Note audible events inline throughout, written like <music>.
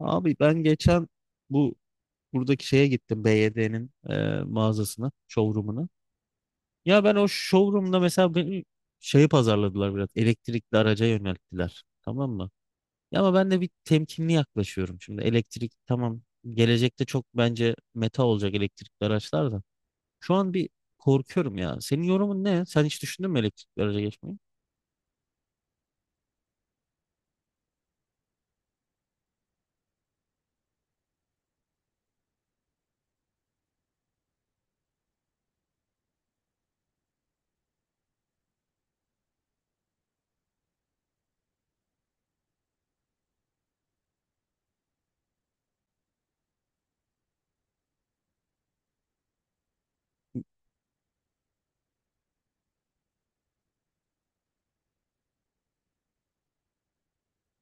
Abi ben geçen bu buradaki şeye gittim BYD'nin mağazasına, showroom'una. Ya ben o showroom'da mesela benim şeyi pazarladılar biraz. Elektrikli araca yönelttiler. Tamam mı? Ya ama ben de bir temkinli yaklaşıyorum şimdi. Elektrik tamam, gelecekte çok bence meta olacak elektrikli araçlar da. Şu an bir korkuyorum ya. Senin yorumun ne? Sen hiç düşündün mü elektrikli araca geçmeyi?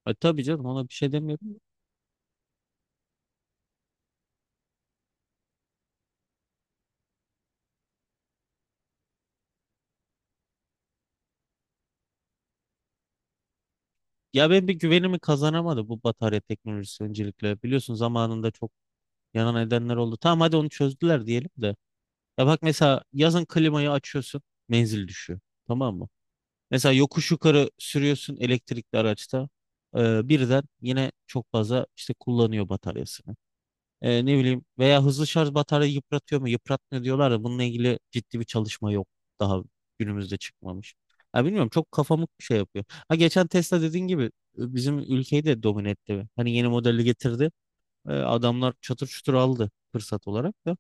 Tabii canım, ona bir şey demiyorum. Ya ben bir, güvenimi kazanamadı bu batarya teknolojisi öncelikle. Biliyorsun zamanında çok yanan edenler oldu. Tamam, hadi onu çözdüler diyelim de. Ya bak, mesela yazın klimayı açıyorsun. Menzil düşüyor. Tamam mı? Mesela yokuş yukarı sürüyorsun elektrikli araçta. Birden yine çok fazla işte kullanıyor bataryasını. Ne bileyim, veya hızlı şarj batarya yıpratıyor mu? Yıpratmıyor diyorlar da bununla ilgili ciddi bir çalışma yok. Daha günümüzde çıkmamış. Ya bilmiyorum, çok kafamı şey yapıyor. Ha, geçen Tesla dediğin gibi bizim ülkeyi de domine etti. Hani yeni modeli getirdi. Adamlar çatır çutur aldı fırsat olarak da.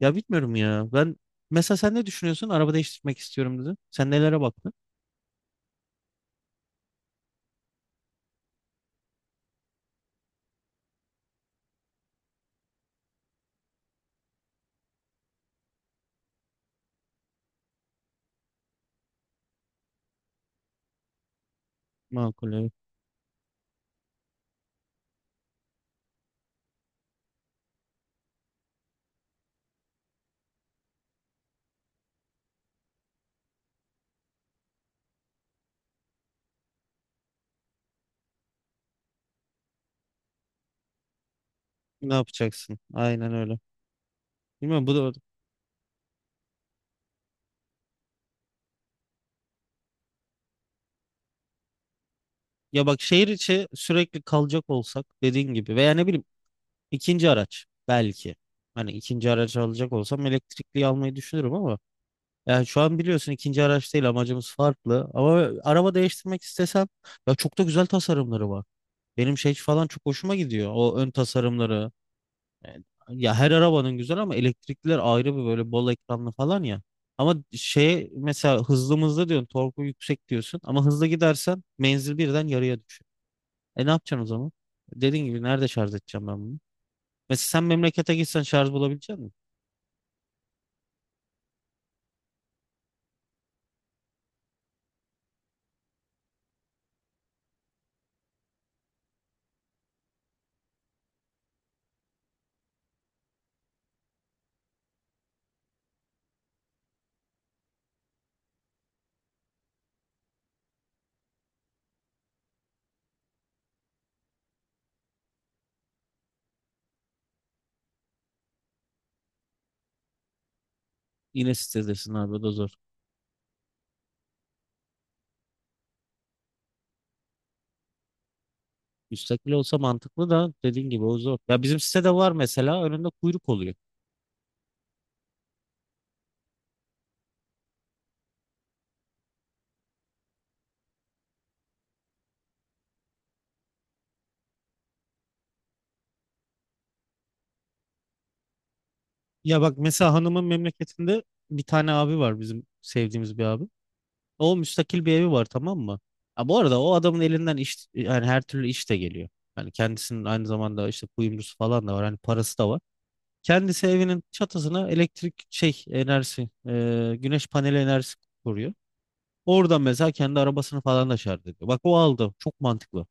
Ya bilmiyorum ya. Ben, mesela sen ne düşünüyorsun? Araba değiştirmek istiyorum dedi. Sen nelere baktın? Makul, evet. Ne yapacaksın? Aynen öyle. Bilmiyorum, bu da, ya bak şehir içi sürekli kalacak olsak dediğin gibi, veya ne bileyim, ikinci araç belki. Hani ikinci araç alacak olsam elektrikli almayı düşünürüm, ama yani şu an biliyorsun ikinci araç değil amacımız, farklı. Ama araba değiştirmek istesem, ya çok da güzel tasarımları var. Benim şey falan çok hoşuma gidiyor, o ön tasarımları. Evet. Ya her arabanın güzel ama elektrikliler ayrı bir, böyle bol ekranlı falan ya. Ama şey, mesela hızlı mı hızlı diyorsun, torku yüksek diyorsun ama hızlı gidersen menzil birden yarıya düşüyor. Ne yapacaksın o zaman? Dediğin gibi, nerede şarj edeceğim ben bunu? Mesela sen memlekete gitsen şarj bulabilecek misin? Yine sitedesin abi, o da zor. Müstakil olsa mantıklı da, dediğin gibi o zor. Ya bizim sitede var mesela, önünde kuyruk oluyor. Ya bak, mesela hanımın memleketinde bir tane abi var, bizim sevdiğimiz bir abi. O, müstakil bir evi var, tamam mı? Ha, bu arada o adamın elinden iş, yani her türlü iş de geliyor. Yani kendisinin aynı zamanda işte kuyumcusu falan da var. Hani parası da var. Kendisi evinin çatısına elektrik şey enerjisi, güneş paneli enerjisi kuruyor. Oradan mesela kendi arabasını falan da şarj ediyor. Bak, o aldı. Çok mantıklı.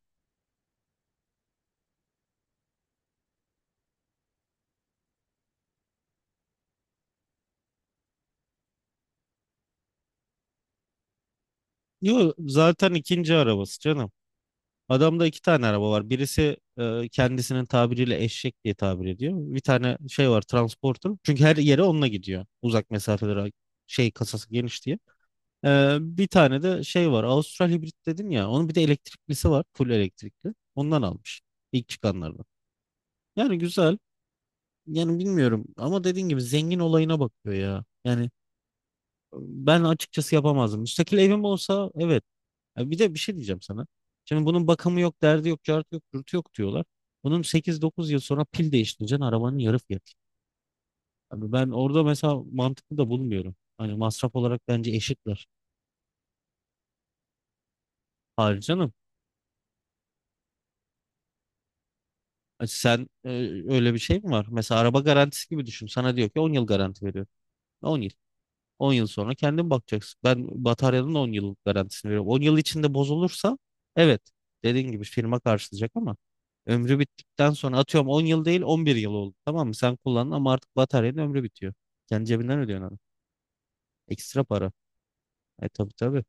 Yok, zaten ikinci arabası canım. Adamda iki tane araba var. Birisi, kendisinin tabiriyle eşek diye tabir ediyor. Bir tane şey var, transporter. Çünkü her yere onunla gidiyor, uzak mesafelere, şey, kasası geniş diye. Bir tane de şey var. Avustral hibrit dedin ya, onun bir de elektriklisi var. Full elektrikli. Ondan almış. İlk çıkanlardan. Yani güzel. Yani bilmiyorum ama dediğin gibi, zengin olayına bakıyor ya. Yani ben açıkçası yapamazdım. Müstakil evim olsa evet. Ya bir de bir şey diyeceğim sana. Şimdi bunun bakımı yok, derdi yok, cartı yok, dürtü yok diyorlar. Bunun 8-9 yıl sonra pil değiştireceksin, arabanın yarı fiyatı. Abi ben orada mesela mantıklı da bulmuyorum. Hani masraf olarak bence eşitler. Hayır canım. Sen, öyle bir şey mi var? Mesela araba garantisi gibi düşün. Sana diyor ki 10 yıl garanti veriyor. 10 yıl. 10 yıl sonra kendin bakacaksın. Ben bataryanın 10 yıllık garantisini veriyorum. 10 yıl içinde bozulursa, evet, dediğin gibi firma karşılayacak, ama ömrü bittikten sonra, atıyorum, 10 yıl değil 11 yıl oldu. Tamam mı? Sen kullandın ama artık bataryanın ömrü bitiyor. Kendi cebinden ödüyorsun adam. Ekstra para. Tabii tabii.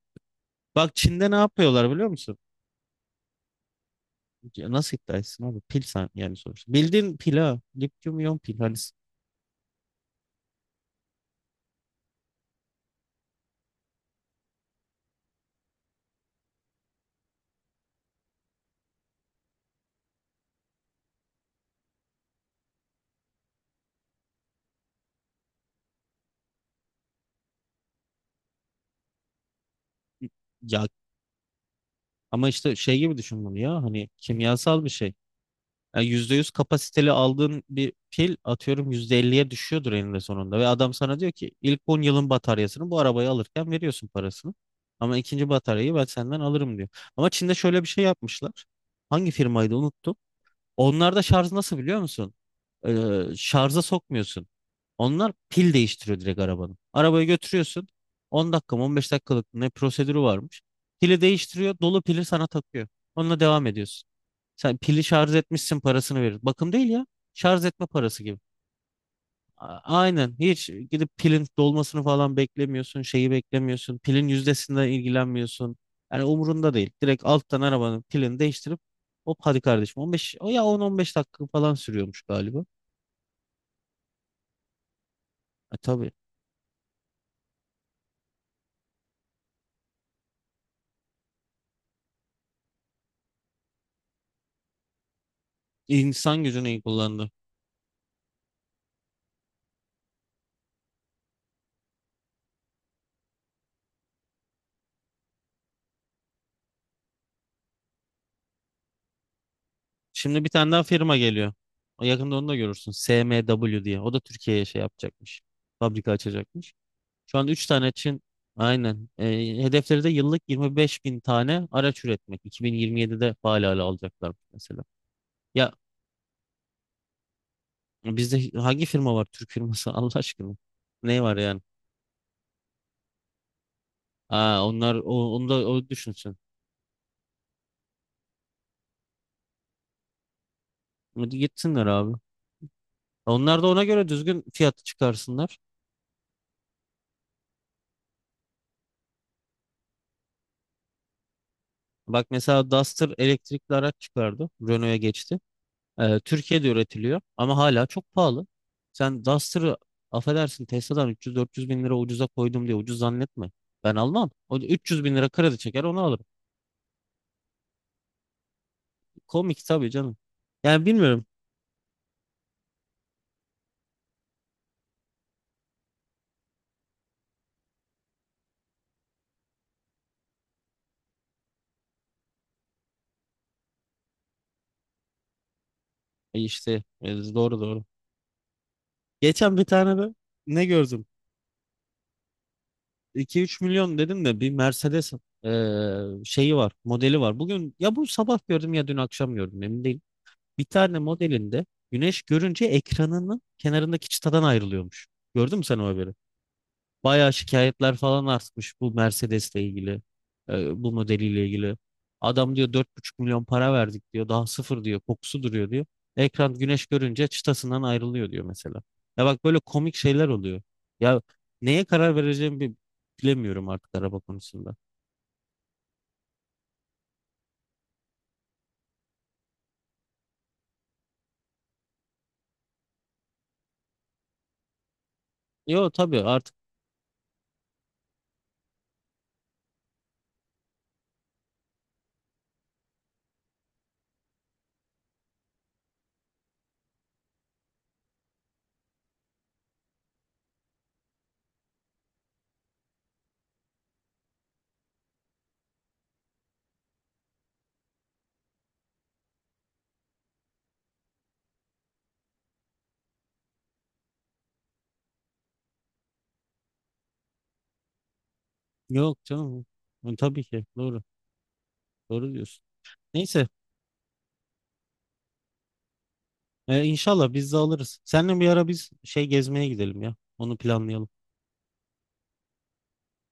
Bak, Çin'de ne yapıyorlar biliyor musun? Ya nasıl iddia etsin abi? Pil sen, yani sonuçta. Bildiğin pil ha. Lityum iyon pil. Hani, ya ama işte şey gibi düşün bunu ya. Hani kimyasal bir şey. Yani %100 kapasiteli aldığın bir pil, atıyorum %50'ye düşüyordur eninde sonunda. Ve adam sana diyor ki ilk 10 yılın bataryasını bu arabayı alırken veriyorsun parasını. Ama ikinci bataryayı ben senden alırım diyor. Ama Çin'de şöyle bir şey yapmışlar. Hangi firmaydı unuttum. Onlarda şarj nasıl biliyor musun? Şarja sokmuyorsun. Onlar pil değiştiriyor direkt arabanın. Arabayı götürüyorsun. 10 dakika mı, 15 dakikalık ne, prosedürü varmış. Pili değiştiriyor. Dolu pili sana takıyor. Onunla devam ediyorsun. Sen pili şarj etmişsin, parasını verir. Bakım değil ya, şarj etme parası gibi. Aynen. Hiç gidip pilin dolmasını falan beklemiyorsun. Şeyi beklemiyorsun, pilin yüzdesinden ilgilenmiyorsun. Yani umurunda değil. Direkt alttan arabanın pilini değiştirip hop, hadi kardeşim, 15 o ya 10-15 dakika falan sürüyormuş galiba. Tabii. İnsan gücünü iyi kullandı. Şimdi bir tane daha firma geliyor. O yakında onu da görürsün. SMW diye. O da Türkiye'ye şey yapacakmış, fabrika açacakmış. Şu an 3 tane Çin. Aynen. Hedefleri de yıllık 25 bin tane araç üretmek. 2027'de faal hale alacaklar mesela. Ya bizde hangi firma var? Türk firması <laughs> Allah aşkına. Ne var yani? Aa, onlar, onu da o düşünsün. Hadi gitsinler abi. Onlar da ona göre düzgün fiyatı çıkarsınlar. Bak, mesela Duster elektrikli araç çıkardı. Renault'a geçti. Türkiye'de üretiliyor ama hala çok pahalı. Sen Duster'ı, affedersin, Tesla'dan 300-400 bin lira ucuza koydum diye ucuz zannetme. Ben almam. O da 300 bin lira kredi çeker onu alırım. Komik tabii canım. Yani bilmiyorum. İşte doğru doğru. Geçen bir tane de ne gördüm? 2-3 milyon dedim de, bir Mercedes şeyi var, modeli var. Bugün, ya bu sabah gördüm ya dün akşam gördüm, emin değilim. Bir tane modelinde güneş görünce ekranının kenarındaki çıtadan ayrılıyormuş. Gördün mü sen o haberi? Bayağı şikayetler falan artmış bu Mercedes'le ilgili, bu modeliyle ilgili. Adam diyor 4,5 milyon para verdik diyor. Daha sıfır diyor. Kokusu duruyor diyor. Ekran güneş görünce çıtasından ayrılıyor diyor mesela. Ya bak, böyle komik şeyler oluyor. Ya neye karar vereceğimi bilemiyorum artık araba konusunda. Yo tabii, artık yok canım. Hı, tabii ki doğru. Doğru diyorsun. Neyse, inşallah biz de alırız. Seninle bir ara biz şey gezmeye gidelim ya. Onu planlayalım.